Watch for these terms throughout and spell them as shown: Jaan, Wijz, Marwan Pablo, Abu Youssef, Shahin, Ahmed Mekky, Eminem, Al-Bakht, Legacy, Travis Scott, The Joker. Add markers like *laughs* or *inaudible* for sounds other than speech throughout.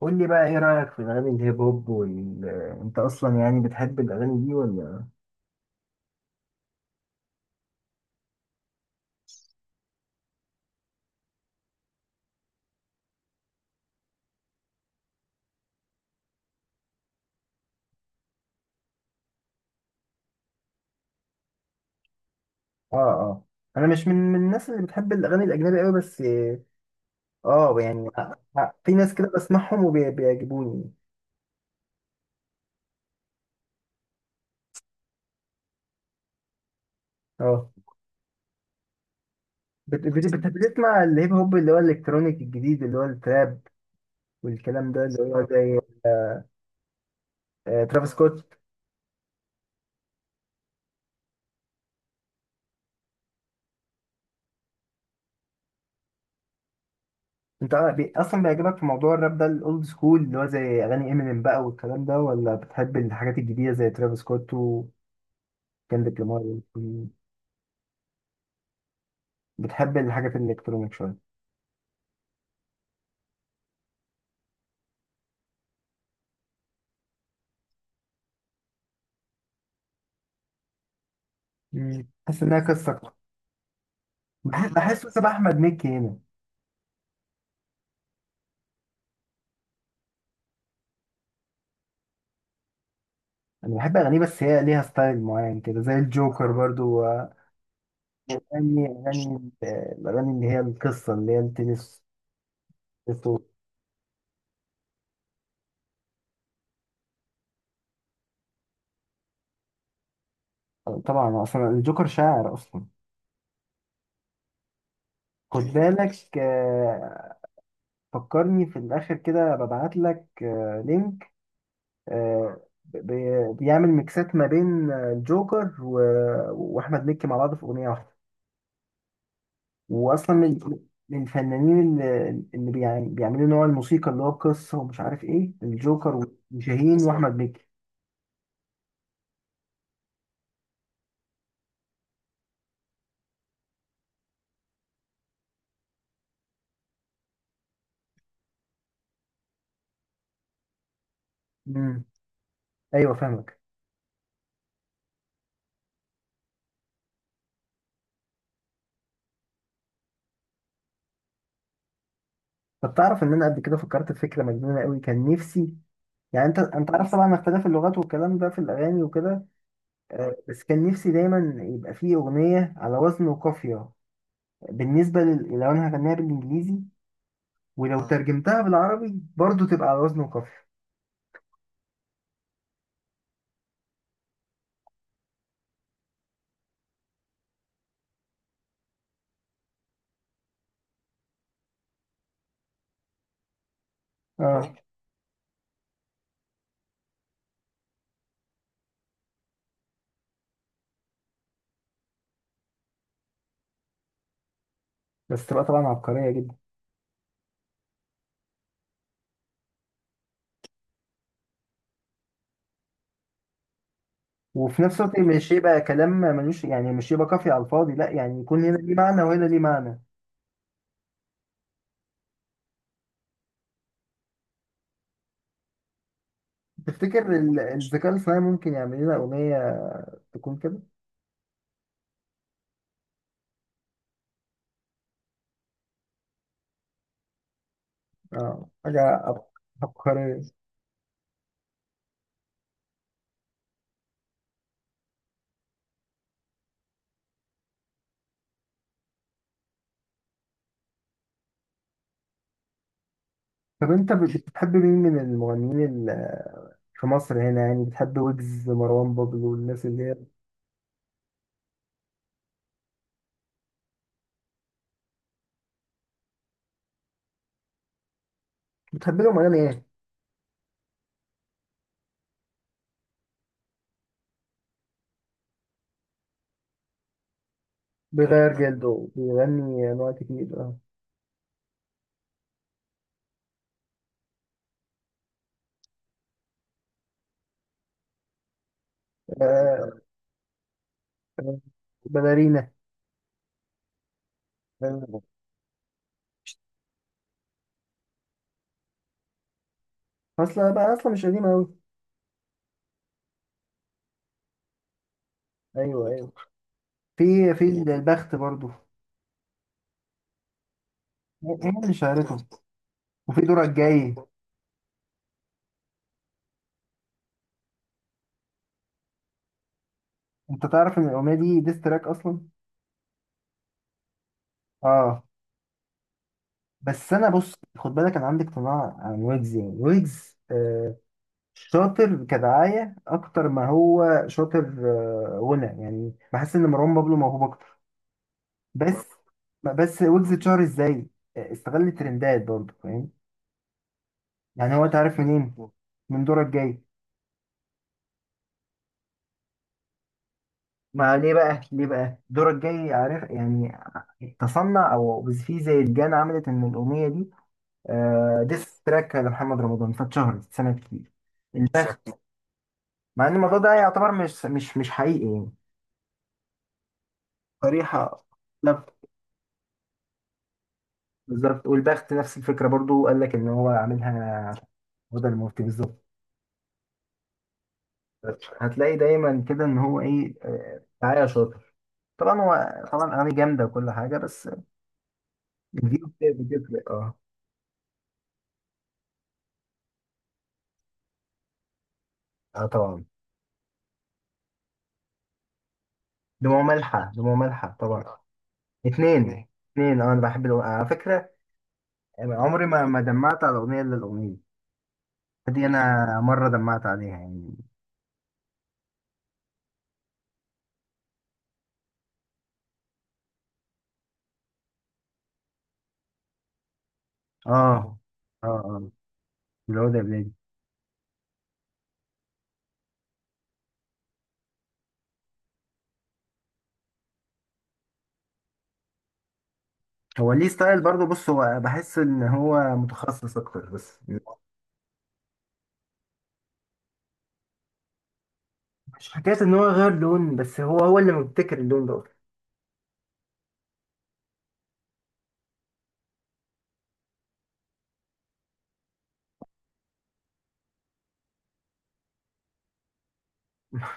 قول لي بقى، ايه رأيك في اغاني الهيب هوب انت اصلا يعني بتحب الاغاني دي ولا؟ اه، اه. انا مش من الناس اللي بتحب الاغاني الاجنبي قوي، بس اه يعني في ناس كده بسمعهم وبيعجبوني. اه. بتسمع الهيب هوب اللي هو الالكترونيك الجديد، اللي هو التراب والكلام ده، اللي هو زي ترافيس سكوت. انت اصلا بيعجبك في موضوع الراب ده الاولد سكول اللي هو زي اغاني امينيم بقى والكلام ده، ولا بتحب الحاجات الجديدة زي ترافيس سكوت وكندريك لامار؟ بتحب الحاجات الالكترونيك شويه. مم. بحس انها قصه أكتر. بحس مثلا احمد مكي هنا. انا بحب اغانيه، بس هي ليها ستايل معين كده زي الجوكر برضو. اغاني، اغاني، الاغاني اللي هي القصه، اللي هي التنس. طبعا اصلا الجوكر شاعر اصلا. خد بالك. فكرني في الاخر كده ببعت لك لينك. بيعمل ميكسات ما بين الجوكر واحمد مكي مع بعض في اغنيه واحده. واصلا من الفنانين اللي بيعملوا نوع الموسيقى اللي هو قصه، ومش عارف ايه، الجوكر وشاهين بالظبط واحمد مكي. امم، ايوه فاهمك. طب تعرف ان انا قبل كده فكرت في فكره مجنونه قوي. كان نفسي، يعني انت عارف طبعا اختلاف اللغات والكلام ده في الاغاني وكده، بس كان نفسي دايما يبقى فيه اغنيه على وزن وقافيه. لو انا هغنيها بالانجليزي، ولو ترجمتها بالعربي برضو تبقى على وزن وقافيه. اه، بس تبقى طبعا عبقريه جدا. وفي نفس الوقت مش يبقى كلام ملوش يعني، مش يبقى كافي على الفاضي، لا يعني يكون هنا ليه معنى وهنا ليه معنى. تفتكر الذكاء الاصطناعي ممكن يعمل لنا أغنية تكون كده؟ اه، حاجة عبقرية. طب أنت بتحب مين من المغنيين ال- في مصر هنا يعني؟ بتحب ويجز، مروان بابلو، والناس اللي هي؟ بتحب لهم أغاني إيه؟ بيغير جلده، بيغني أنواع كتير، اه. آه، باليرينا. آه، أصلا بقى، أصلا مش قديم أوي. أيوه، أيوه. في البخت برضو. هي اللي شهرته، وفي دورك جاي. انت تعرف ان الاغنيه دي ديس تراك اصلا. اه، بس انا بص، خد بالك، انا عندي اقتناع عن ويجز. يعني ويجز شاطر كدعايه اكتر ما هو شاطر. غنى يعني. بحس ان مروان بابلو موهوب اكتر، بس. ويجز اتشهر ازاي؟ استغل ترندات برضه، فاهم. يعني هو تعرف منين؟ من دورك جاي. ما ليه بقى؟ ليه بقى دورك جاي، عارف يعني؟ تصنع، او في زي الجان عملت ان الاغنيه دي ديس تراك لمحمد رمضان، فاتشهرت سنة كتير. البخت بالظبط. مع ان الموضوع ده يعتبر مش حقيقي يعني. صريحة، لا. بالظبط، والبخت نفس الفكرة برضو، قال لك ان هو عاملها عشان هدى المفتي بالظبط. هتلاقي دايما كده ان هو ايه، دعاية شاطر. طبعا هو طبعا اغاني جامدة وكل حاجة، بس الفيو بتفرق، اه. اه طبعا. دموع ملحة، دموع ملحة طبعا. اتنين، اتنين، اتنين، اه. انا بحب على فكرة عمري ما دمعت على اغنية الا الاغنية دي. انا مره دمعت عليها يعني. اه، اه، اه، اه. اللي هو ده بلادي. هو ليه ستايل برضه، بص. هو بحس ان هو متخصص اكتر بس. مش حكاية إن هو غير لون، بس هو، هو اللي مبتكر اللون ده.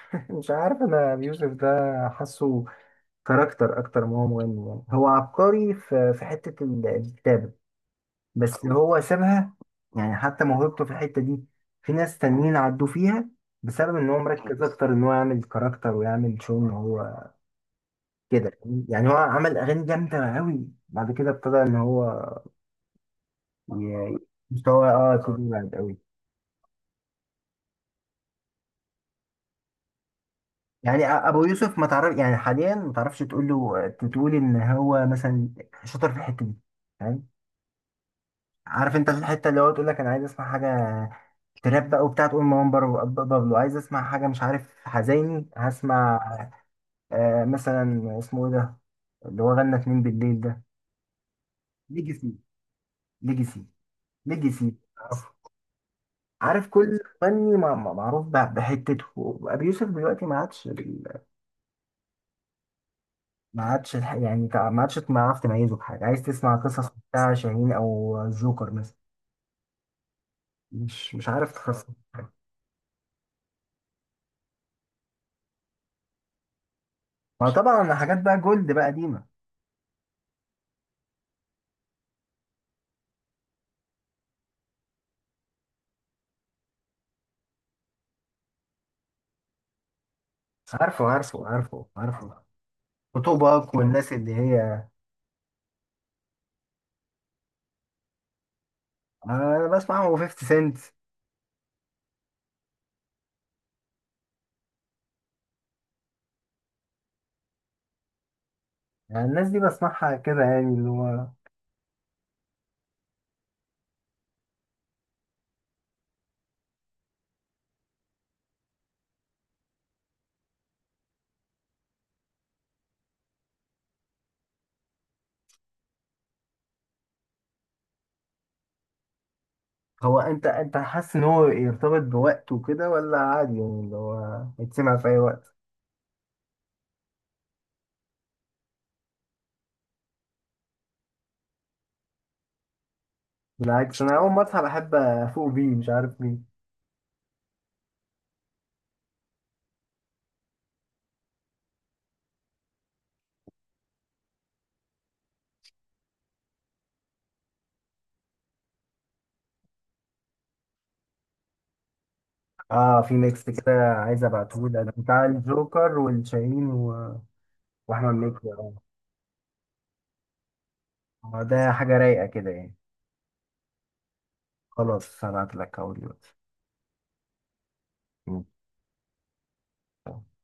*laughs* مش عارف أنا يوسف ده. حاسه كاركتر أكتر ما هو مغني. يعني هو عبقري في في حتة الكتابة، بس هو سابها. يعني حتى موهبته في الحتة دي في ناس تانيين عدوا فيها، بسبب إن هو مركز أكتر إن هو يعمل كاركتر ويعمل شو إن هو كده. يعني هو عمل اغاني جامده قوي، بعد كده ابتدى ان هو ي- مستواه، اه، ابتدى يبعد قوي. يعني ابو يوسف ما تعرف يعني حاليا، ما تعرفش تقول له، تقول ان هو مثلا شاطر في الحته دي، فاهم. عارف انت في الحته اللي هو تقول لك انا عايز اسمع حاجه تراب بقى وبتاع، تقول مروان بابلو، عايز اسمع حاجه مش عارف حزيني هسمع. آه، مثلا اسمه ايه ده اللي هو غنى اتنين بالليل ده؟ ليجاسي. ليجاسي. ليجاسي. عارف كل فني معروف بحتته. ابي يوسف دلوقتي ما عادش ما عادش يعني ما عادش تعرف تميزه بحاجه. عايز تسمع قصص بتاع شاهين او الجوكر مثلا. مش مش عارف تخصص. ما طبعا حاجات بقى جولد بقى قديمه. عارفه، عارفه، عارفه، عارفه. وتوباك والناس اللي هي. انا بسمعهم و50 سنت. يعني الناس دي بسمعها كده يعني، اللي هو. هو انت حاسس ان هو يرتبط بوقته كده ولا عادي، يعني اللي هو يتسمع في اي وقت؟ بالعكس انا اول ما اصحى بحب افوق بيه، مش عارف ليه. اه، في ميكس كده عايز ابعتهولك بتاع الجوكر والشاهين واحمد مكي، اه. ده حاجه رايقه كده يعني. خلاص هبعتلك اهو دلوقتي. مم.